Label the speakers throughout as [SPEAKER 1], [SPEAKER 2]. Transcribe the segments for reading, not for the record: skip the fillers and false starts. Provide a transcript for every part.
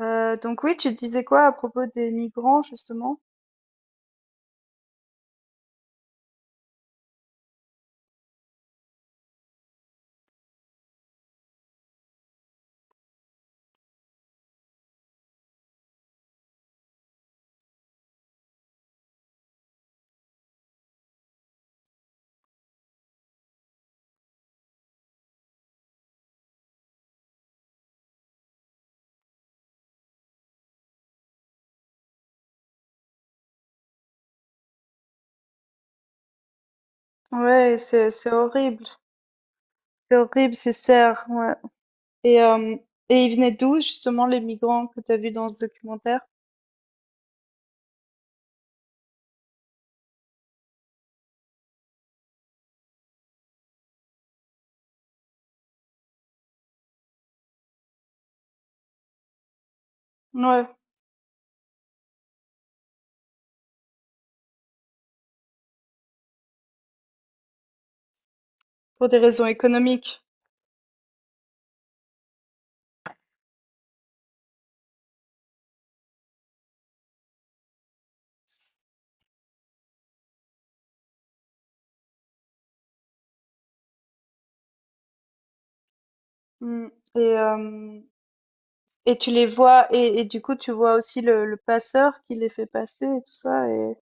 [SPEAKER 1] Donc oui, tu disais quoi à propos des migrants justement? Ouais, c'est horrible, c'est horrible, c'est serre. Ouais. Et euh, et ils venaient d'où justement les migrants que tu as vus dans ce documentaire? Ouais, pour des raisons économiques. Mm. Et euh, et tu les vois et du coup tu vois aussi le passeur qui les fait passer et tout ça et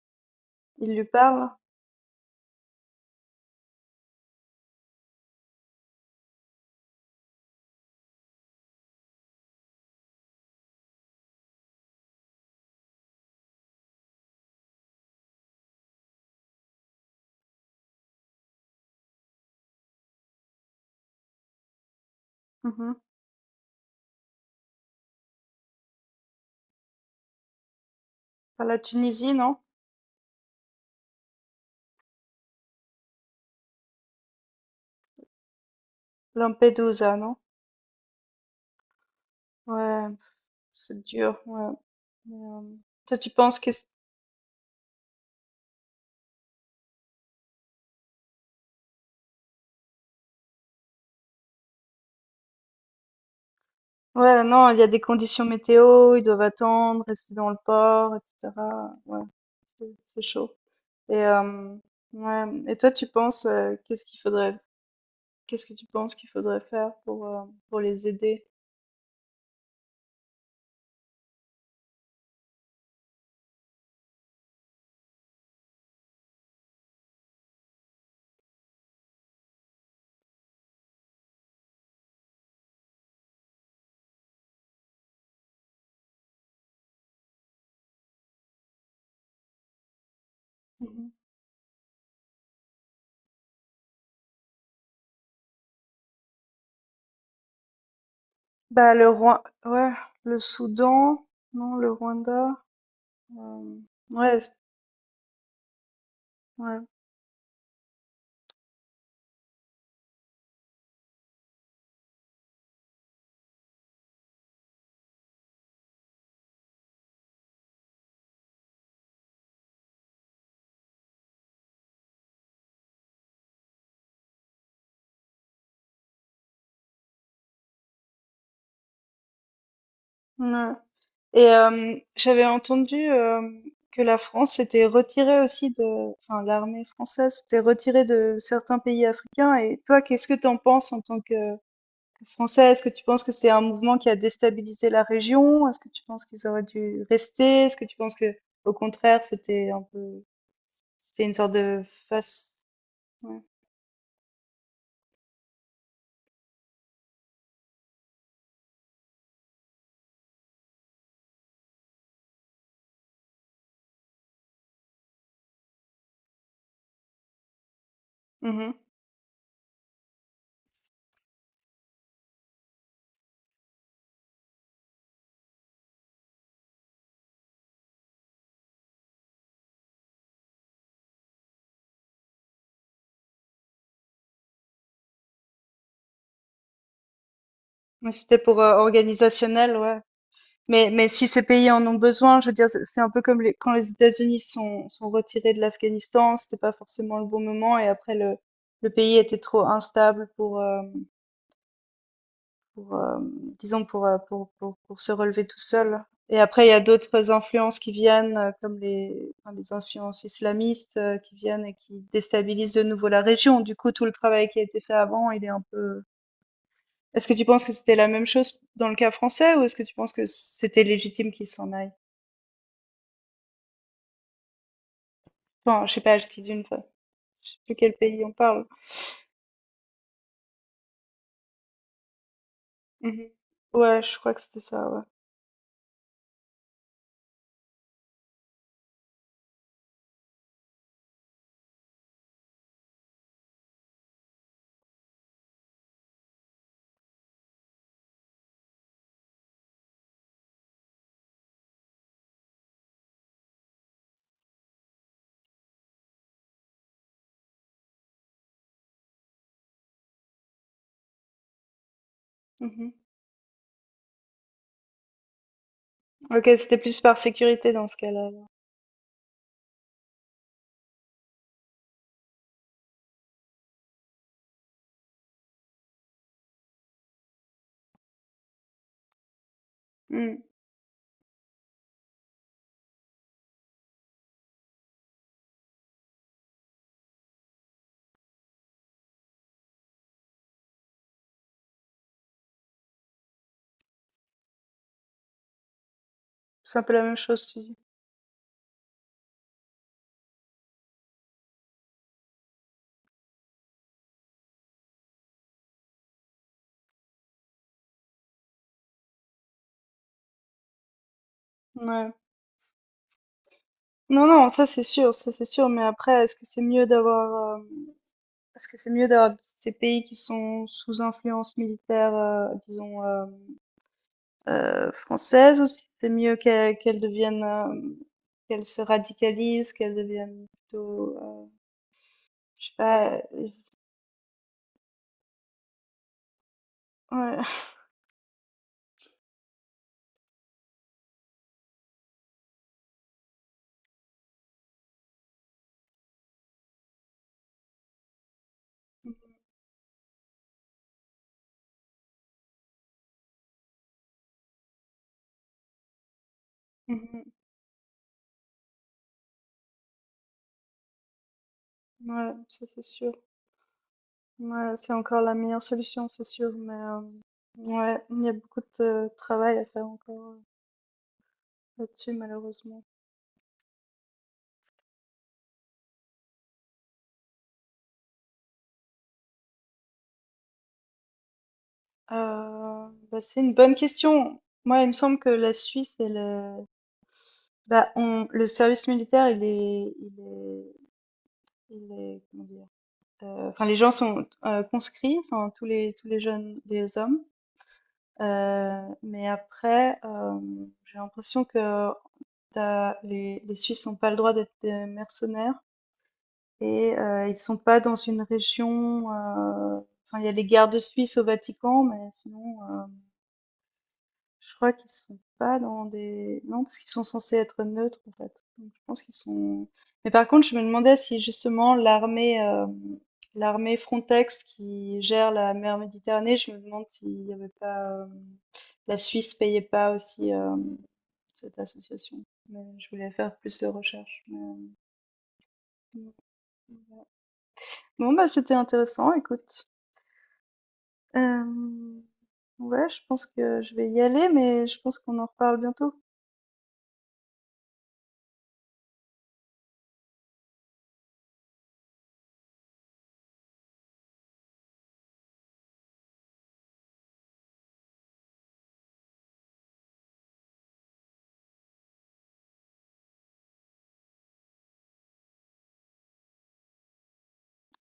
[SPEAKER 1] il lui parle. Mhm. Par la Tunisie, non? Lampedusa, non? Ouais, c'est dur. Ouais. Mais, toi, tu penses que ouais, non, il y a des conditions météo, ils doivent attendre, rester dans le port, etc. Ouais, c'est chaud. Et ouais, et toi, tu penses qu'est-ce qu'est-ce que tu penses qu'il faudrait faire pour les aider? Mhm. Bah le Roi, ouais, le Soudan, non, le Rwanda, euh, ouais, ouais, ouais. Et j'avais entendu, que la France s'était retirée aussi de enfin l'armée française s'était retirée de certains pays africains et toi, qu'est-ce que tu en penses en tant que Français? Est-ce que tu penses que c'est un mouvement qui a déstabilisé la région? Est-ce que tu penses qu'ils auraient dû rester? Est-ce que tu penses que, au contraire, c'était un peu c'était une sorte de faç ouais. Mmh mh. Ouais, c'était pour, organisationnel, ouais. Mais si ces pays en ont besoin, je veux dire, c'est un peu comme les- quand les États-Unis sont, sont retirés de l'Afghanistan, c'était pas forcément le bon moment et après le pays était trop instable pour disons, pour se relever tout seul. Et après, il y a d'autres influences qui viennent, comme les, enfin, les influences islamistes qui viennent et qui déstabilisent de nouveau la région. Du coup, tout le travail qui a été fait avant, il est un peu... Est-ce que tu penses que c'était la même chose dans le cas français ou est-ce que tu penses que c'était légitime qu'ils s'en aillent? Enfin, je sais pas, je dis d'une fois. Je sais plus quel pays on parle. Mhm. Ouais, je crois que c'était ça, ouais. Mhm. Ok, c'était plus par sécurité dans ce cas-là alors. Mm. C'est un peu la même chose, tu dis. Ouais. Non, non, ça c'est sûr, ça c'est sûr. Mais après, est-ce que c'est mieux d'avoir, est-ce que c'est mieux d'avoir ces pays qui sont sous influence militaire, disons, française, ou si c'est mieux qu'elles deviennent, qu'elles se radicalisent, qu'elles deviennent plutôt, je sais pas, ouais. Ouais, ça c'est sûr. Ouais, c'est encore la meilleure solution, c'est sûr, mais ouais, il y a beaucoup de travail à faire encore là-dessus, malheureusement. C'est une bonne question. Moi, il me semble que la Suisse, elle, est- bah, on, le service militaire, comment dire, enfin, les gens sont conscrits, enfin, tous les jeunes, les hommes. Mais après, j'ai l'impression que t'as- les Suisses n'ont pas le droit d'être des mercenaires. Et ils sont pas dans une région. Enfin, il y a les gardes suisses au Vatican, mais sinon, je crois qu'ils sont pas dans des. Non, parce qu'ils sont censés être neutres en fait. Donc, je pense qu'ils sont. Mais par contre, je me demandais si justement l'armée, l'armée Frontex qui gère la mer Méditerranée, je me demande s'il y avait pas la Suisse payait pas aussi cette association. Mais je voulais faire plus de recherches, mais, euh, bon, bah, c'était intéressant, écoute. Hem, ouais, je pense que je vais y aller, mais je pense qu'on en reparle bientôt.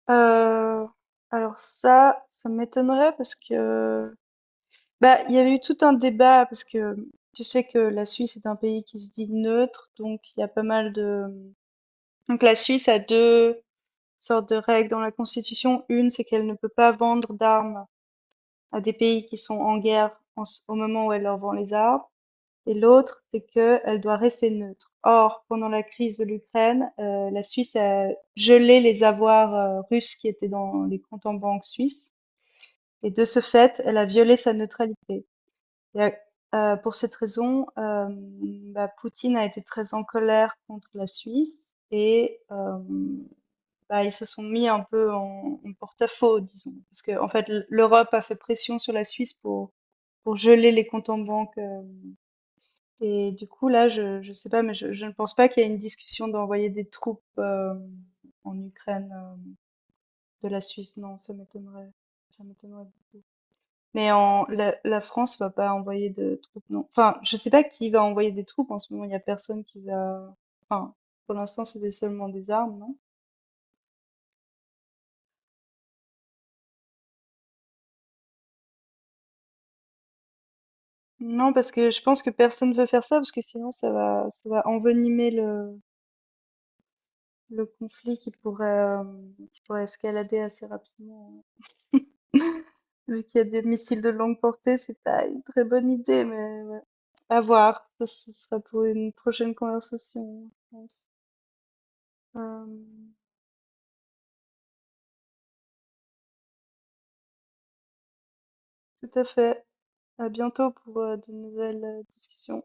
[SPEAKER 1] Heu, alors ça, ça m'étonnerait parce que, bah, il y avait eu tout un débat parce que tu sais que la Suisse est un pays qui se dit neutre, donc il y a pas mal de donc la Suisse a 2 sortes de règles dans la constitution. Une, c'est qu'elle ne peut pas vendre d'armes à des pays qui sont en guerre en ce au moment où elle leur vend les armes. Et l'autre, c'est qu'elle doit rester neutre. Or, pendant la crise de l'Ukraine, la Suisse a gelé les avoirs russes qui étaient dans les comptes en banque suisses. Et de ce fait, elle a violé sa neutralité. Et, pour cette raison, bah, Poutine a été très en colère contre la Suisse et bah, ils se sont mis un peu en, en porte-à-faux, disons. Parce que, en fait, l'Europe a fait pression sur la Suisse pour geler les comptes en banque et du coup, là, je sais pas, mais je ne pense pas qu'il y ait une discussion d'envoyer des troupes, en Ukraine, de la Suisse. Non, ça m'étonnerait, ça m'étonnerait beaucoup. Mais en la France va pas envoyer de troupes, non. Enfin, je sais pas qui va envoyer des troupes en ce moment, il y a personne qui va enfin, pour l'instant, c'est des seulement des armes, non? Non, parce que je pense que personne veut faire ça, parce que sinon ça va envenimer le conflit qui pourrait, qui pourrait escalader assez rapidement. Vu qu'il y a des missiles de longue portée, c'est pas une très bonne idée, mais ouais. À voir. Ça, ce sera pour une prochaine conversation, je pense. Euh, tout à fait. À bientôt pour de nouvelles discussions.